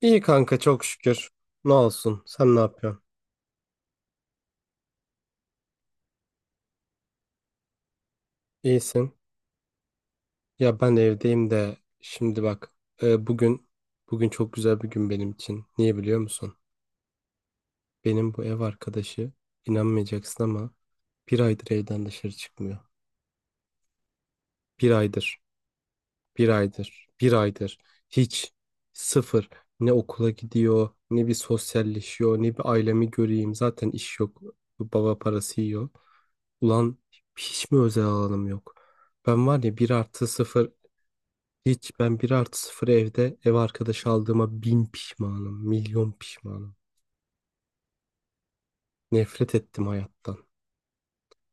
İyi kanka çok şükür. Ne olsun? Sen ne yapıyorsun? İyisin. Ya ben evdeyim de şimdi bak, e, bugün bugün çok güzel bir gün benim için. Niye biliyor musun? Benim bu ev arkadaşı, inanmayacaksın ama, bir aydır evden dışarı çıkmıyor. Bir aydır. Bir aydır hiç, sıfır, ne okula gidiyor ne bir sosyalleşiyor ne bir ailemi göreyim, zaten iş yok, baba parası yiyor. Ulan hiç mi özel alanım yok? Ben var ya bir artı sıfır, hiç, ben bir artı sıfır evde ev arkadaşı aldığıma bin pişmanım, milyon pişmanım. Nefret ettim hayattan.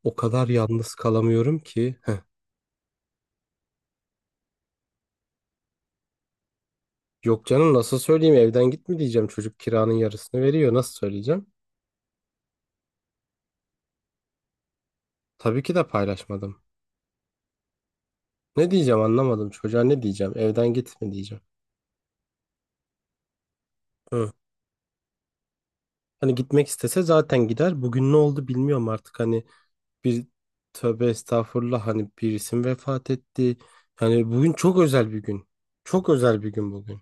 O kadar yalnız kalamıyorum ki. Heh. Yok canım, nasıl söyleyeyim? Evden gitme diyeceğim, çocuk kiranın yarısını veriyor, nasıl söyleyeceğim? Tabii ki de paylaşmadım. Ne diyeceğim anlamadım, çocuğa ne diyeceğim, evden gitme diyeceğim. Hı. Hani gitmek istese zaten gider, bugün ne oldu bilmiyorum artık, hani bir, tövbe estağfurullah, hani birisi isim vefat etti. Yani bugün çok özel bir gün, çok özel bir gün bugün.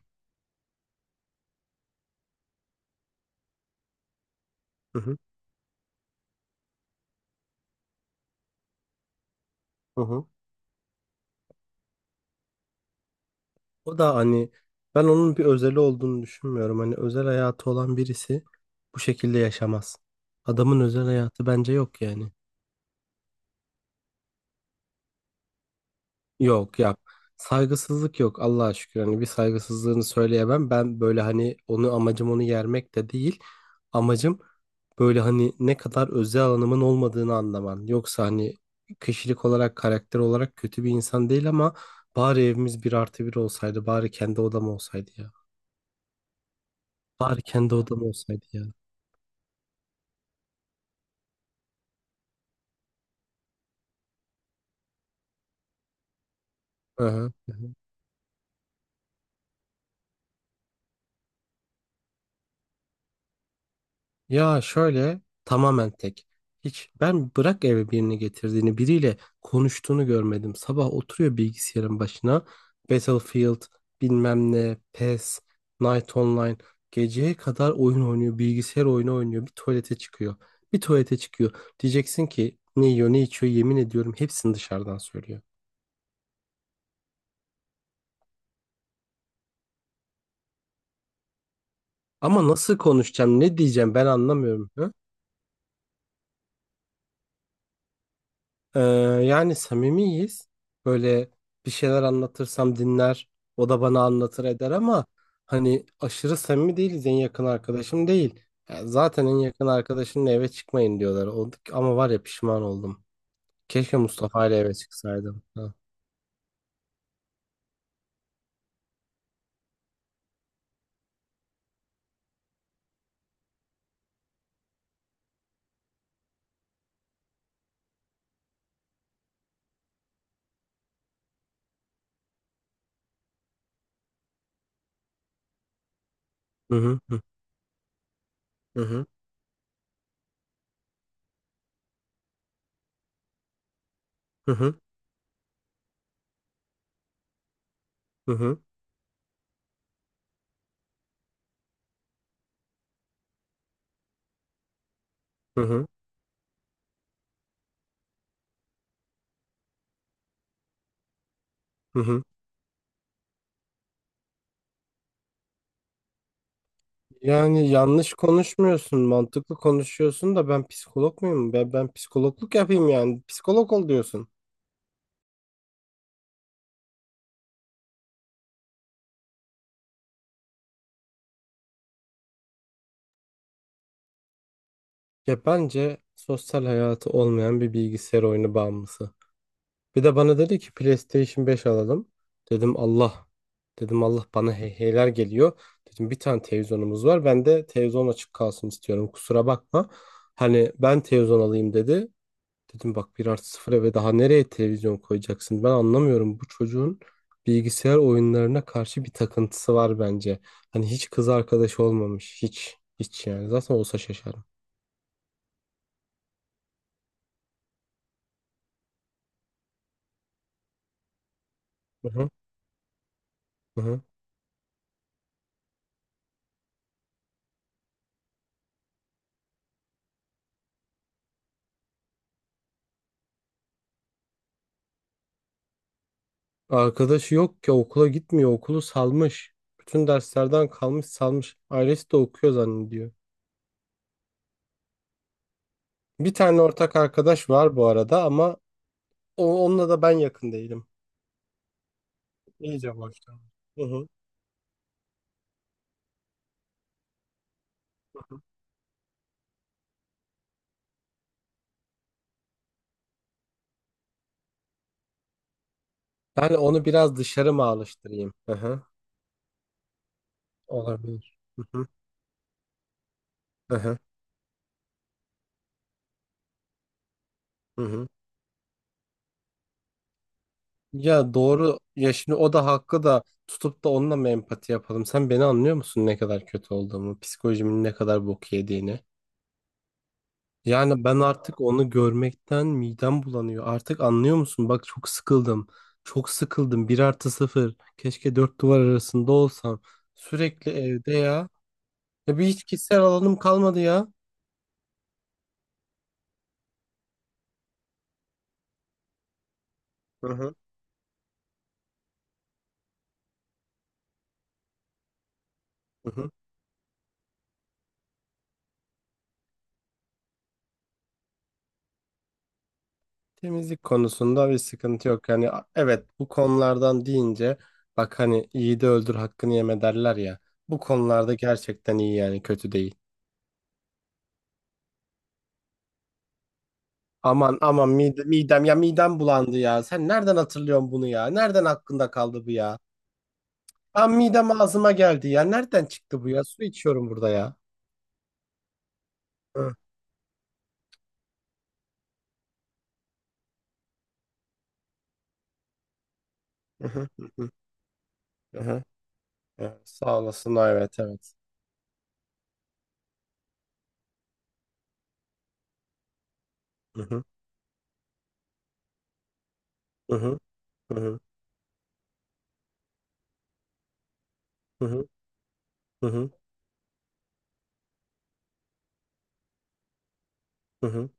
Hı hı. Hı hı. O da hani, ben onun bir özeli olduğunu düşünmüyorum. Hani özel hayatı olan birisi bu şekilde yaşamaz. Adamın özel hayatı bence yok yani. Yok ya, saygısızlık yok, Allah'a şükür, hani bir saygısızlığını söyleyemem ben, böyle hani onu, amacım onu yermek de değil, amacım böyle hani ne kadar özel alanımın olmadığını anlaman, yoksa hani kişilik olarak, karakter olarak kötü bir insan değil, ama bari evimiz bir artı bir olsaydı, bari kendi odam olsaydı ya, bari kendi odam olsaydı ya. Hı hı. Ya şöyle, tamamen tek. Hiç ben bırak eve birini getirdiğini, biriyle konuştuğunu görmedim. Sabah oturuyor bilgisayarın başına. Battlefield, bilmem ne, PES, Night Online, geceye kadar oyun oynuyor, bilgisayar oyunu oynuyor, bir tuvalete çıkıyor. Bir tuvalete çıkıyor. Diyeceksin ki ne yiyor ne içiyor, yemin ediyorum hepsini dışarıdan söylüyor. Ama nasıl konuşacağım, ne diyeceğim, ben anlamıyorum. Ee, Yani samimiyiz. Böyle bir şeyler anlatırsam dinler, o da bana anlatır eder, ama hani aşırı samimi değiliz, en yakın arkadaşım değil. Yani zaten en yakın arkadaşınla eve çıkmayın diyorlar. O, ama var ya, pişman oldum. Keşke Mustafa ile eve çıksaydım. Ha. Hı hı hı hı hı hı hı hı hı hı. Hı. Yani yanlış konuşmuyorsun, mantıklı konuşuyorsun da, ben psikolog muyum? Ben psikologluk yapayım yani. Psikolog ol diyorsun. Ya bence sosyal hayatı olmayan bir bilgisayar oyunu bağımlısı. Bir de bana dedi ki PlayStation 5 alalım. Dedim Allah. Dedim Allah, bana heyheyler geliyor. Dedim bir tane televizyonumuz var. Ben de televizyon açık kalsın istiyorum. Kusura bakma. Hani ben televizyon alayım dedi. Dedim bak, bir artı 0, ve daha nereye televizyon koyacaksın? Ben anlamıyorum. Bu çocuğun bilgisayar oyunlarına karşı bir takıntısı var bence. Hani hiç kız arkadaşı olmamış. Hiç. Hiç yani. Zaten olsa şaşarım. Hı hı. Hı hı. Arkadaşı yok ki, okula gitmiyor. Okulu salmış. Bütün derslerden kalmış, salmış. Ailesi de okuyor zannediyor. Bir tane ortak arkadaş var bu arada, ama onunla da ben yakın değilim. İyice boştan. Hı hı. Ben onu biraz dışarı mı alıştırayım? Hı hı. Olabilir. Hı hı. Hı hı. Hı hı. Ya doğru. Ya şimdi o da hakkı da tutup da onunla mı empati yapalım? Sen beni anlıyor musun, ne kadar kötü olduğumu, psikolojimin ne kadar bok yediğini? Yani ben artık onu görmekten midem bulanıyor. Artık anlıyor musun? Bak çok sıkıldım. Çok sıkıldım. Bir artı sıfır. Keşke dört duvar arasında olsam. Sürekli evde ya. Ya bir, hiç kişisel alanım kalmadı ya. Hı hı. Hı hı. Temizlik konusunda bir sıkıntı yok. Yani, evet, bu konulardan deyince, bak hani iyi de öldür hakkını yeme derler ya. Bu konularda gerçekten iyi yani, kötü değil. Aman aman, midem, midem ya, midem bulandı ya. Sen nereden hatırlıyorsun bunu ya? Nereden hakkında kaldı bu ya? Tam midem ağzıma geldi ya. Nereden çıktı bu ya? Su içiyorum burada ya. Hı hı hı hı. Hı hı. Evet. Sağ olasın. Evet, evet. Hı hı hı hı hı hı hı hı hı.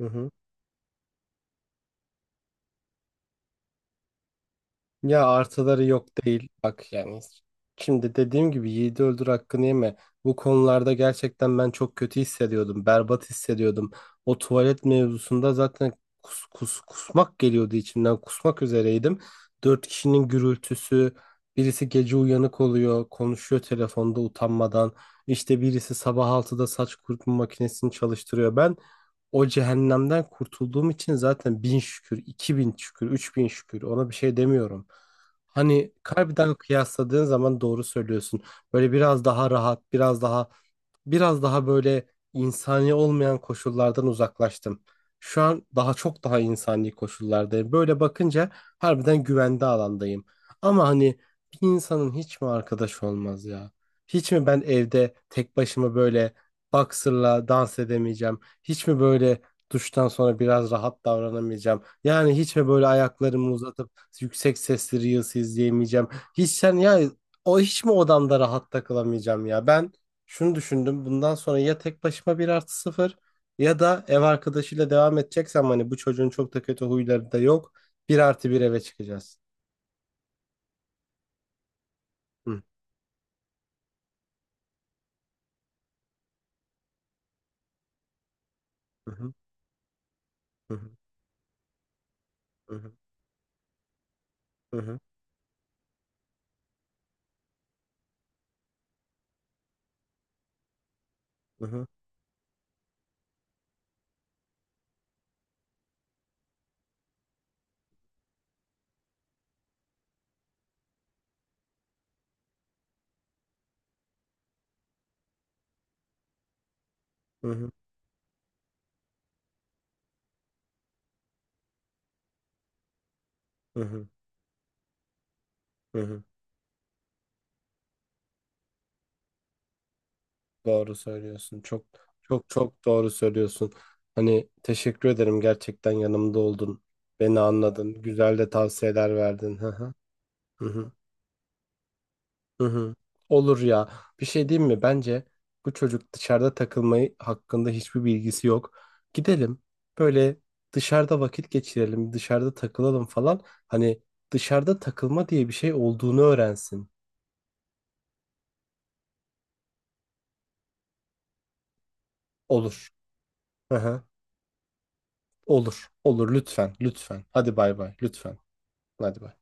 Hı. Ya artıları yok değil. Bak yani, şimdi dediğim gibi yiğidi öldür hakkını yeme. Bu konularda gerçekten ben çok kötü hissediyordum. Berbat hissediyordum. O tuvalet mevzusunda zaten kusmak geliyordu içimden. Kusmak üzereydim. Dört kişinin gürültüsü. Birisi gece uyanık oluyor. Konuşuyor telefonda utanmadan. İşte birisi sabah 6'da saç kurutma makinesini çalıştırıyor. Ben o cehennemden kurtulduğum için zaten bin şükür, iki bin şükür, üç bin şükür, ona bir şey demiyorum. Hani kalbiden kıyasladığın zaman doğru söylüyorsun. Böyle biraz daha rahat, biraz daha biraz daha böyle, insani olmayan koşullardan uzaklaştım. Şu an daha çok, daha insani koşullardayım. Böyle bakınca harbiden güvende alandayım. Ama hani bir insanın hiç mi arkadaş olmaz ya? Hiç mi ben evde tek başıma böyle boxer'la dans edemeyeceğim? Hiç mi böyle duştan sonra biraz rahat davranamayacağım? Yani hiç mi böyle ayaklarımı uzatıp yüksek sesli Reels izleyemeyeceğim? Hiç sen ya, o hiç mi odamda rahat takılamayacağım ya? Ben şunu düşündüm. Bundan sonra ya tek başıma bir artı sıfır, ya da ev arkadaşıyla devam edeceksem, hani bu çocuğun çok da kötü huyları da yok, bir artı bir eve çıkacağız. Hı hı hı hı hı hı hı hı hı hı hı hı. Doğru söylüyorsun. Çok çok çok doğru söylüyorsun. Hani teşekkür ederim, gerçekten yanımda oldun. Beni anladın. Güzel de tavsiyeler verdin. Hı hı. Hı hı. Hı hı. Olur ya. Bir şey diyeyim mi? Bence bu çocuk dışarıda takılmayı hakkında hiçbir bilgisi yok. Gidelim. Böyle dışarıda vakit geçirelim. Dışarıda takılalım falan. Hani dışarıda takılma diye bir şey olduğunu öğrensin. Olur. Hı hı. Olur. Olur lütfen. Lütfen. Hadi bay bay. Lütfen. Hadi bay.